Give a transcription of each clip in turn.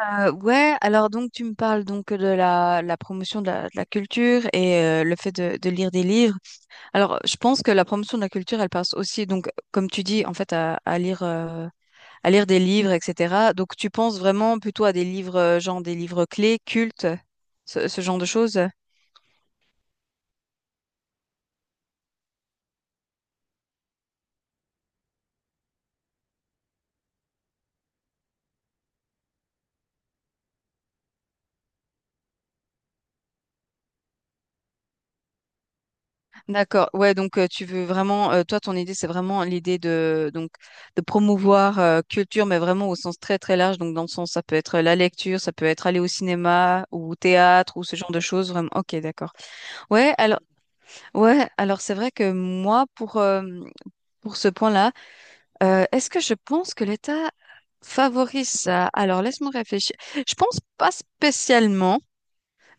Alors tu me parles donc de la promotion de la culture et le fait de lire des livres. Alors je pense que la promotion de la culture, elle passe aussi donc comme tu dis en fait à lire des livres, etc. Donc tu penses vraiment plutôt à des livres genre des livres clés, cultes, ce genre de choses? D'accord. Ouais, donc tu veux vraiment, toi, ton idée, c'est vraiment l'idée de donc de promouvoir culture, mais vraiment au sens très très large. Donc dans le sens, ça peut être la lecture, ça peut être aller au cinéma ou au théâtre ou ce genre de choses. Vraiment. Ok, d'accord. Ouais. Alors, ouais. Alors c'est vrai que moi, pour ce point-là, est-ce que je pense que l'État favorise ça? Alors laisse-moi réfléchir. Je pense pas spécialement.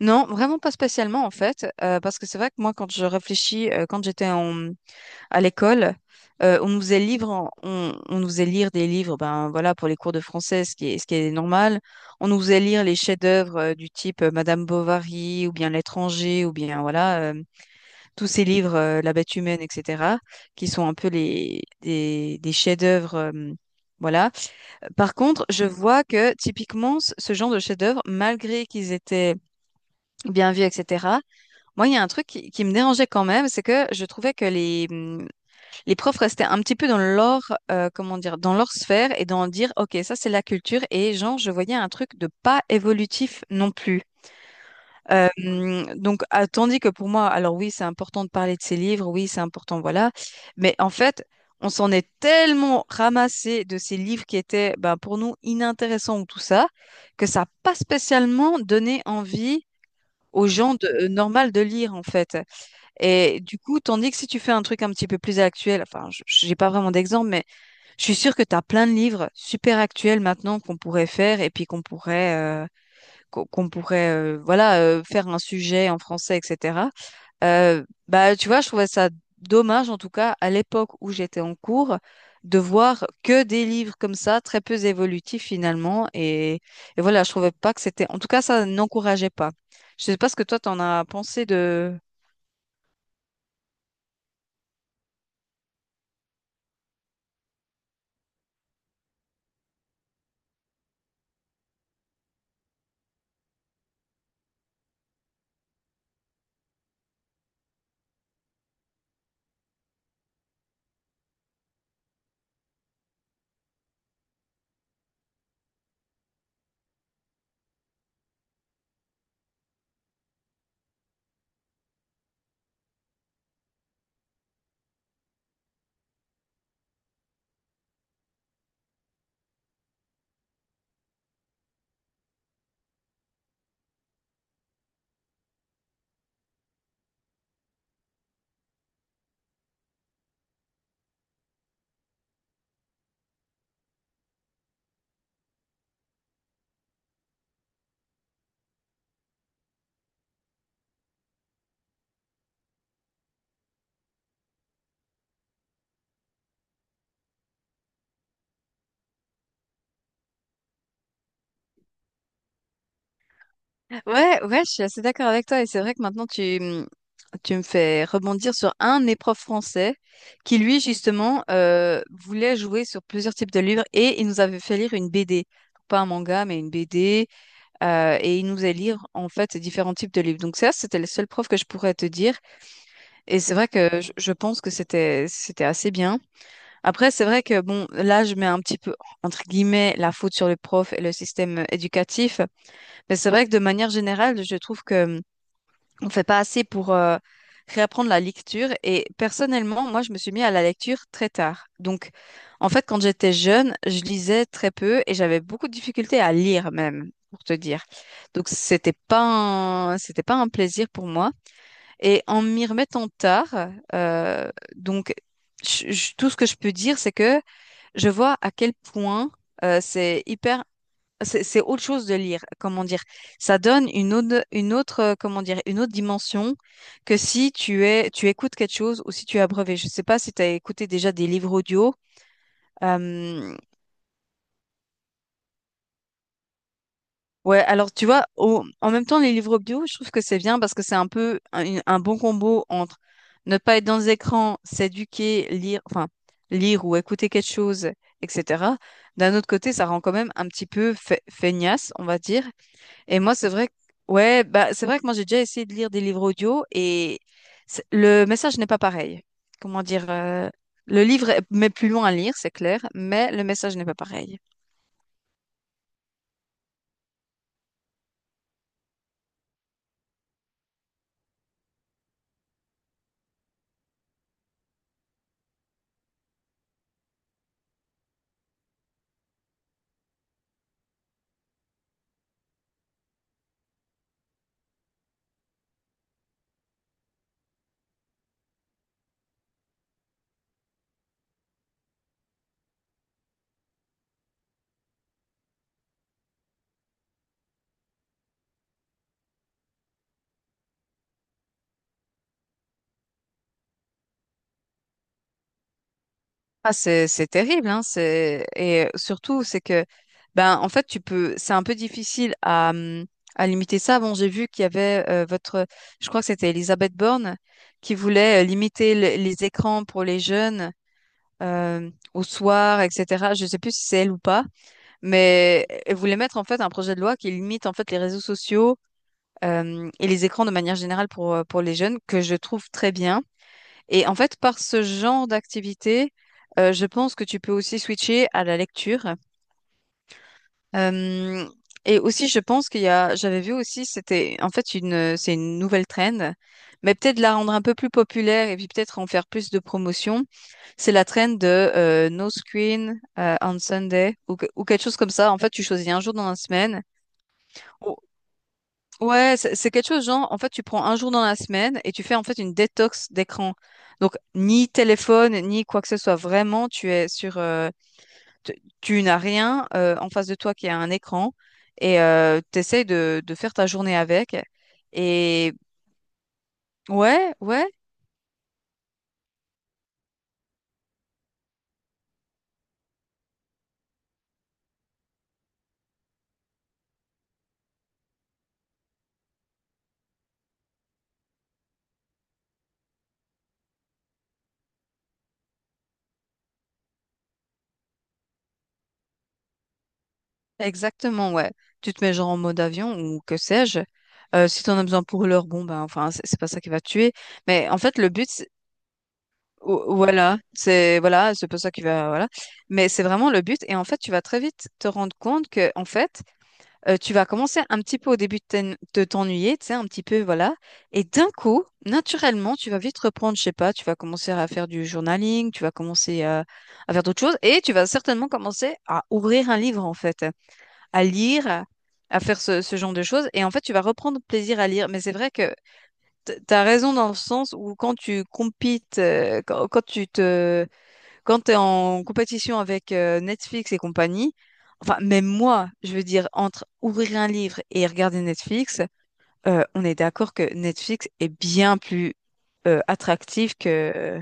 Non, vraiment pas spécialement en fait, parce que c'est vrai que moi, quand je réfléchis, quand j'étais en à l'école. On nous faisait lire des livres, ben voilà, pour les cours de français, ce qui est normal. On nous faisait lire les chefs-d'œuvre du type Madame Bovary ou bien L'étranger ou bien voilà, tous ces livres, La bête humaine, etc., qui sont un peu des chefs-d'œuvre. Voilà. Par contre, je vois que typiquement, ce genre de chefs-d'œuvre, malgré qu'ils étaient bien vus, etc., moi, il y a un truc qui me dérangeait quand même, c'est que je trouvais que les profs restaient un petit peu dans leur, dans leur sphère et dans dire: OK, ça c'est la culture. Et genre, je voyais un truc de pas évolutif non plus. Euh, Tandis que pour moi, alors oui, c'est important de parler de ces livres, oui, c'est important, voilà. Mais en fait, on s'en est tellement ramassé de ces livres qui étaient, ben, pour nous, inintéressants ou tout ça, que ça n'a pas spécialement donné envie aux gens de, normal de lire, en fait. Et du coup, tandis que si tu fais un truc un petit peu plus actuel, enfin, j'ai pas vraiment d'exemple, mais je suis sûre que tu as plein de livres super actuels maintenant qu'on pourrait faire et puis qu'on pourrait, qu'on pourrait, faire un sujet en français, etc. Bah, tu vois, je trouvais ça dommage, en tout cas, à l'époque où j'étais en cours, de voir que des livres comme ça, très peu évolutifs finalement. Et voilà, je trouvais pas que c'était, en tout cas, ça n'encourageait pas. Je sais pas ce que toi, t'en as pensé de. Ouais, je suis assez d'accord avec toi. Et c'est vrai que maintenant, tu me fais rebondir sur un éprof français qui, lui, justement, voulait jouer sur plusieurs types de livres et il nous avait fait lire une BD. Pas un manga, mais une BD. Et il nous a lire, en fait, différents types de livres. Donc ça, c'était le seul prof que je pourrais te dire. Et c'est vrai que je pense que c'était assez bien. Après, c'est vrai que, bon, là, je mets un petit peu, entre guillemets, la faute sur le prof et le système éducatif. Mais c'est vrai que de manière générale, je trouve que on fait pas assez pour réapprendre la lecture. Et personnellement, moi, je me suis mis à la lecture très tard. Donc, en fait, quand j'étais jeune, je lisais très peu et j'avais beaucoup de difficultés à lire même, pour te dire. Donc, c'était pas un plaisir pour moi. Et en m'y remettant tard, euh, donc, tout ce que je peux dire, c'est que je vois à quel point c'est hyper c'est autre chose de lire, comment dire. Ça donne une autre, une autre dimension que si tu es, tu écoutes quelque chose ou si tu es abreuvé. Je sais pas si tu as écouté déjà des livres audio. Euh, ouais, alors tu vois, en même temps, les livres audio, je trouve que c'est bien parce que c'est un peu un bon combo entre ne pas être dans les écrans, s'éduquer, lire, enfin, lire ou écouter quelque chose, etc. D'un autre côté, ça rend quand même un petit peu feignasse, on va dire. Et moi, c'est vrai que, c'est vrai que moi, j'ai déjà essayé de lire des livres audio et le message n'est pas pareil. Comment dire, le livre met plus loin à lire, c'est clair, mais le message n'est pas pareil. Ah, c'est terrible, hein, et surtout, c'est que, ben, en fait, tu peux, c'est un peu difficile à limiter ça. Bon, j'ai vu qu'il y avait je crois que c'était Elisabeth Borne qui voulait limiter les écrans pour les jeunes au soir, etc. Je sais plus si c'est elle ou pas. Mais elle voulait mettre en fait un projet de loi qui limite en fait les réseaux sociaux et les écrans de manière générale pour les jeunes, que je trouve très bien. Et en fait, par ce genre d'activité, je pense que tu peux aussi switcher à la lecture. Euh, et aussi, je pense qu'il y a, j'avais vu aussi, c'est une nouvelle trend, mais peut-être la rendre un peu plus populaire et puis peut-être en faire plus de promotion. C'est la trend de no screen on Sunday ou quelque chose comme ça. En fait, tu choisis un jour dans la semaine. Oh, ouais, c'est quelque chose genre, en fait, tu prends un jour dans la semaine et tu fais en fait une détox d'écran. Donc, ni téléphone, ni quoi que ce soit. Vraiment, tu es sur, tu, tu n'as rien en face de toi qui a un écran et tu essayes de faire ta journée avec. Et ouais, ouais, exactement, ouais. Tu te mets genre en mode avion ou que sais-je. Si tu en as besoin pour l'heure, bon, ben, enfin, c'est pas ça qui va te tuer. Mais en fait, le but, Ou- voilà, c'est pour ça qu'il va voilà. Mais c'est vraiment le but et en fait, tu vas très vite te rendre compte que en fait, tu vas commencer un petit peu au début de t'ennuyer, tu sais, un petit peu voilà. Et d'un coup, naturellement, tu vas vite reprendre, je sais pas, tu vas commencer à faire du journaling, tu vas commencer à faire d'autres choses et tu vas certainement commencer à ouvrir un livre en fait, à lire, à, à faire ce genre de choses et en fait, tu vas reprendre plaisir à lire. Mais c'est vrai que t'as raison dans le sens où quand tu compites, quand, quand tu te quand tu es en compétition avec Netflix et compagnie, enfin, même moi, je veux dire, entre ouvrir un livre et regarder Netflix, on est d'accord que Netflix est bien plus attractif que…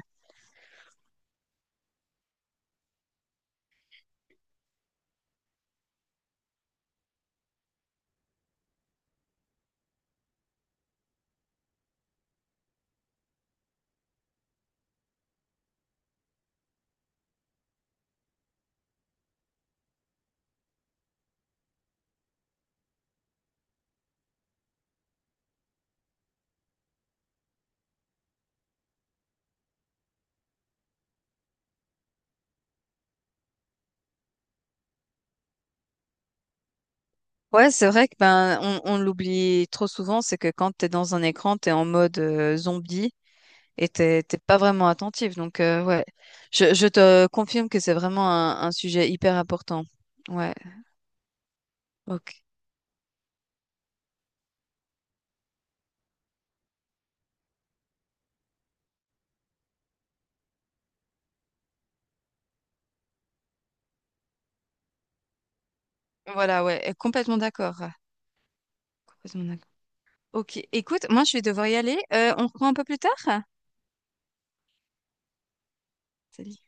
Ouais, c'est vrai que ben, on l'oublie trop souvent, c'est que quand t'es dans un écran, t'es en mode zombie et t'es pas vraiment attentif. Donc, ouais, je te confirme que c'est vraiment un sujet hyper important. Ouais, ok. Voilà, ouais, complètement d'accord. Complètement d'accord. Ok, écoute, moi je vais devoir y aller. On reprend un peu plus tard? Salut.